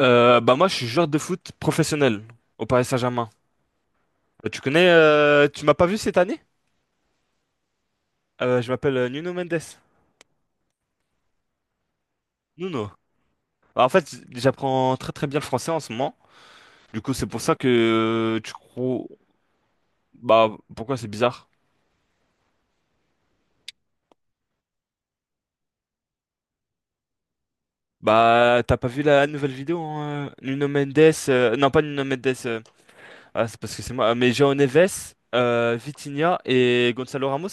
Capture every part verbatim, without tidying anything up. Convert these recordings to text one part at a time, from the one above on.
Euh, bah moi, je suis joueur de foot professionnel au Paris Saint-Germain. Euh, Tu connais, euh, tu m'as pas vu cette année? Euh, je m'appelle euh, Nuno Mendes. Nuno. Bah, en fait, j'apprends très très bien le français en ce moment. Du coup, c'est pour ça que euh, tu crois. Bah, pourquoi c'est bizarre? Bah, t'as pas vu la nouvelle vidéo, hein, euh, Nuno Mendes. euh, Non, pas Nuno Mendes. Euh, ah, c'est parce que c'est moi. Mais João Neves, euh, Vitinha et Gonzalo Ramos.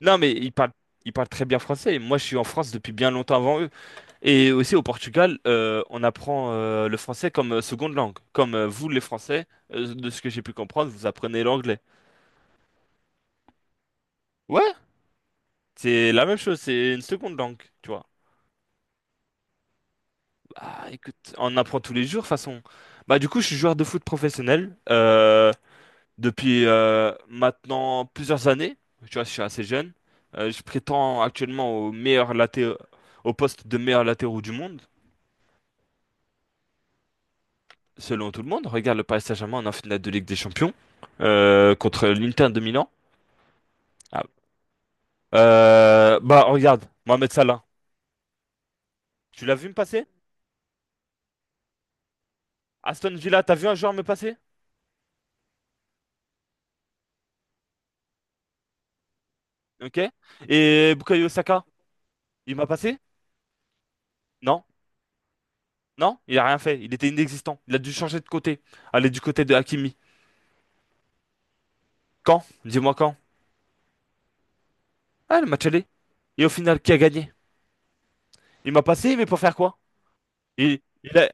Non, mais ils parlent, ils parlent très bien français. Moi, je suis en France depuis bien longtemps avant eux. Et aussi au Portugal, euh, on apprend euh, le français comme euh, seconde langue. Comme euh, vous, les Français, euh, de ce que j'ai pu comprendre, vous apprenez l'anglais. Ouais, c'est la même chose, c'est une seconde langue, tu vois. Bah écoute, on apprend tous les jours, de toute façon. Bah du coup, je suis joueur de foot professionnel euh, depuis euh, maintenant plusieurs années. Tu vois, je suis assez jeune. Euh, je prétends actuellement au meilleur laté- au poste de meilleur latéraux du monde. Selon tout le monde, regarde le Paris Saint-Germain en finale de Ligue des Champions euh, contre l'Inter de Milan. Ah. Euh, bah regarde, Mohamed Salah, tu l'as vu me passer? Aston Villa, t'as vu un joueur me passer? Ok. Et Bukayo Saka, il m'a passé? Non? Non? Il a rien fait. Il était inexistant. Il a dû changer de côté. Aller du côté de Hakimi. Quand? Dis-moi quand? Ah, le match allé. Et au final, qui a gagné? Il m'a passé, mais pour faire quoi? Il, il a...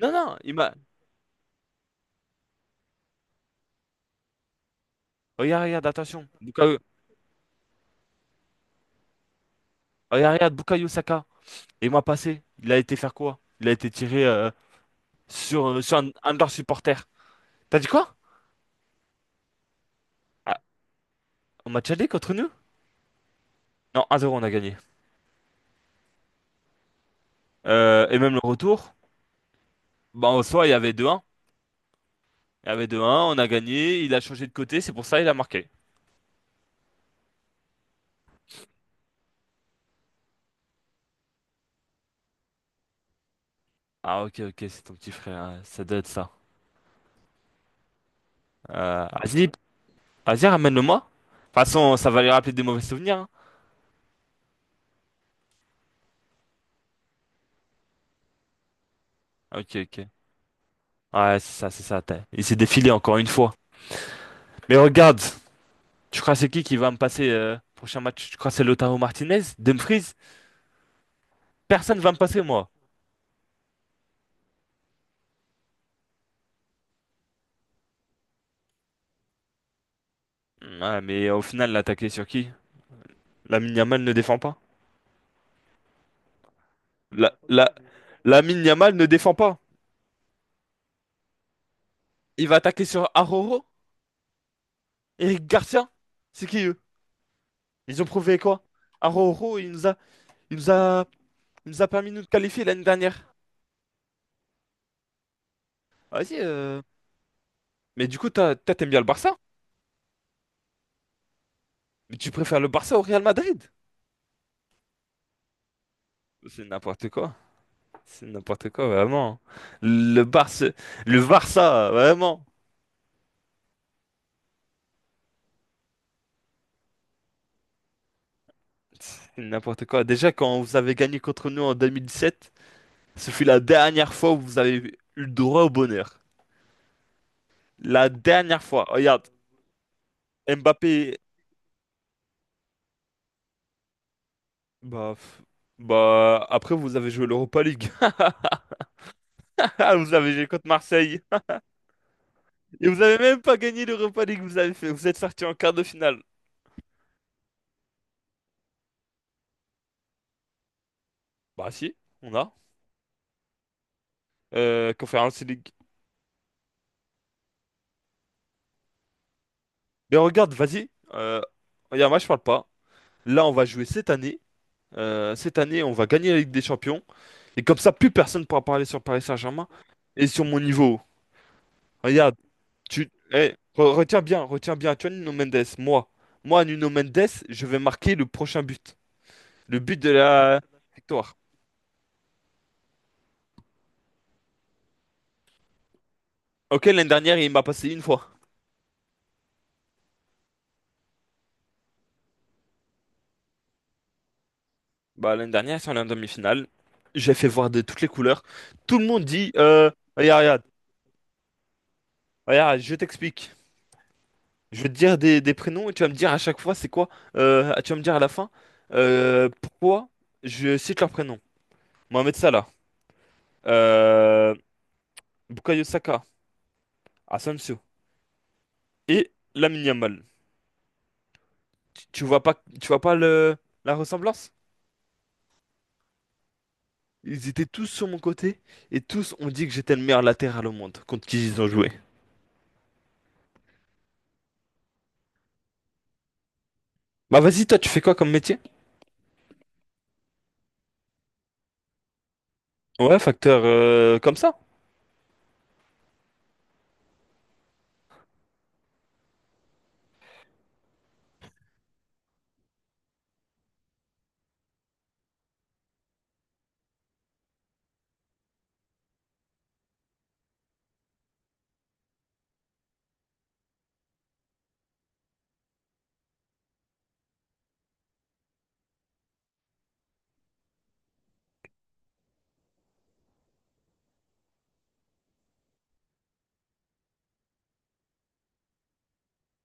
Non, non, il m'a... Regarde, regarde, attention. Bukayo... Regarde, regarde, Bukayo Saka. Et moi passé, il a été faire quoi? Il a été tiré euh, sur, euh, sur un, un de leurs supporters. T'as dit quoi? Ah, on match aller contre nous? Non, un zéro, on a gagné. Euh, et même le retour, bah, en soi, il y avait deux un. Il y avait deux un, on a gagné, il a changé de côté, c'est pour ça il a marqué. Ah, ok, ok, c'est ton petit frère, hein, ça doit être ça. Euh, vas-y, vas-y, ramène-le-moi. De toute façon, ça va lui rappeler des mauvais souvenirs, hein. Ok, ok. Ouais, c'est ça, c'est ça. T'as- il s'est défilé encore une fois. Mais regarde! Tu crois c'est qui qui va me passer euh, prochain match? Tu crois c'est Lautaro Martinez? Dumfries? Personne va me passer moi. Ouais, mais au final, l'attaquer sur qui? Lamine Yamal ne défend pas. La, la, Lamine Yamal ne défend pas. Il va attaquer sur Aroro? Eric Garcia? C'est qui eux? Ils ont prouvé quoi? Aroro, il nous a, il nous a, il nous a permis de nous qualifier l'année dernière. Vas-y. euh, Mais du coup, t'as- toi, t'aimes bien le Barça? Mais tu préfères le Barça au Real Madrid? C'est n'importe quoi. C'est n'importe quoi, vraiment. Le Barça, le Barça, vraiment. C'est n'importe quoi. Déjà, quand vous avez gagné contre nous en deux mille dix-sept, ce fut la dernière fois où vous avez eu le droit au bonheur. La dernière fois. Oh, regarde, Mbappé, bah, pff, bah, après vous avez joué l'Europa League. Ah, vous avez joué contre Marseille. Et vous avez même pas gagné l'Europa League. Vous avez fait, vous êtes sorti en quart de finale. Bah si, on a. Euh, Conference League. Mais regarde, vas-y. Euh, regarde, moi je parle pas. Là, on va jouer cette année. Euh, cette année, on va gagner la Ligue des Champions. Et comme ça, plus personne ne pourra parler sur Paris Saint-Germain et sur mon niveau. Regarde, tu... eh, re- retiens bien, retiens bien. Tu vois, Nuno Mendes, moi. Moi, Nuno Mendes, je vais marquer le prochain but. Le but de la victoire. Ok, l'année dernière, il m'a passé une fois. Bah, l'année dernière, sur la demi-finale, j'ai fait voir de toutes les couleurs. Tout le monde dit, euh, regarde, regarde, regarde, je t'explique. Je vais te dire des, des prénoms et tu vas me dire à chaque fois c'est quoi. Euh, tu vas me dire à la fin euh, pourquoi je cite leurs prénoms. Mohamed Salah, euh, Bukayo Saka, Asensio et Lamine Yamal. Tu, tu vois pas, tu vois pas le, la ressemblance? Ils étaient tous sur mon côté et tous ont dit que j'étais le meilleur latéral au monde contre qui ils ont joué. Bah vas-y, toi tu fais quoi comme métier? Ouais, facteur euh, comme ça.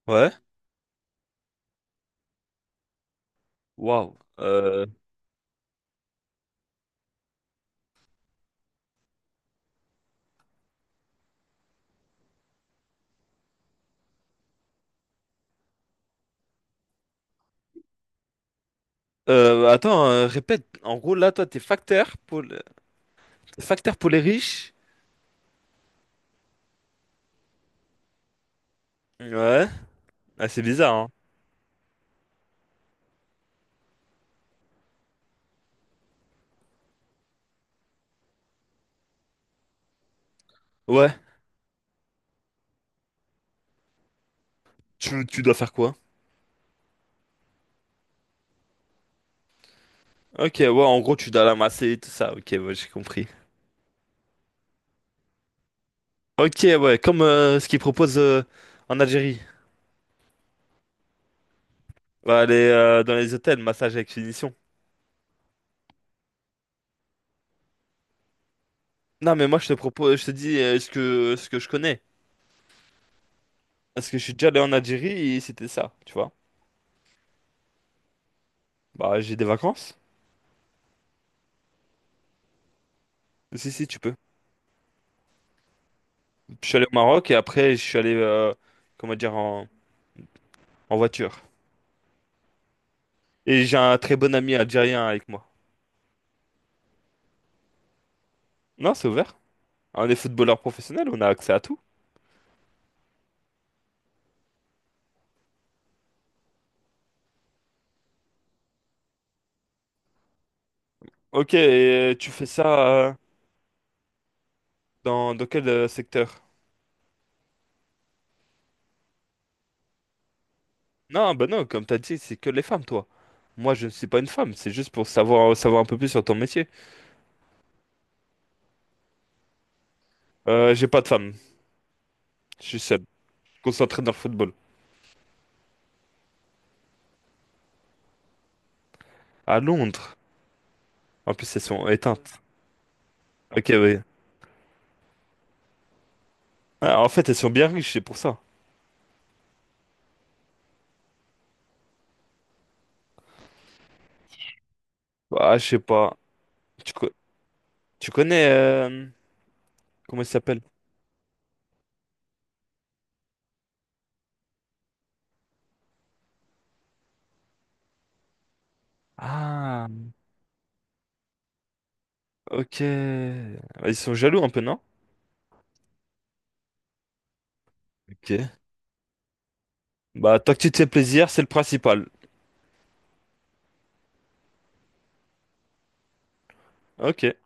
Ouais. Waouh. Euh, euh, attends, euh, répète. En gros là, toi t'es facteur pour facteur pour les riches? Ouais. Ah, c'est bizarre, hein. Ouais. Tu, tu dois faire quoi? Ok, ouais, en gros, tu dois l'amasser et tout ça. Ok, ouais, j'ai compris. Ok, ouais, comme euh, ce qu'ils proposent euh, en Algérie. Va aller euh, dans les hôtels, massage avec finition. Non, mais moi, je te propose, je te dis euh, ce que, ce que je connais. Parce que je suis déjà allé en Algérie et c'était ça, tu vois. Bah, j'ai des vacances. Si, si, tu peux. Je suis allé au Maroc et après, je suis allé, euh, comment dire, en, en voiture. Et j'ai un très bon ami algérien avec moi. Non, c'est ouvert. On est footballeur professionnel, on a accès à tout. Ok, et euh, tu fais ça euh, dans, dans quel euh, secteur? Non, bah non, comme t'as dit, c'est que les femmes, toi. Moi, je ne suis pas une femme, c'est juste pour savoir, euh, savoir un peu plus sur ton métier. Euh, j'ai pas de femme, je suis seul, concentré dans le football. À Londres. En plus, elles sont éteintes. Ok, oui. Ah, en fait, elles sont bien riches, c'est pour ça. Bah, je sais pas. Tu, co- tu connais... euh, comment ils s'appellent? Ah, ok. Ils sont jaloux un peu, non? Ok. Bah, tant que tu te fais plaisir, c'est le principal. Ok,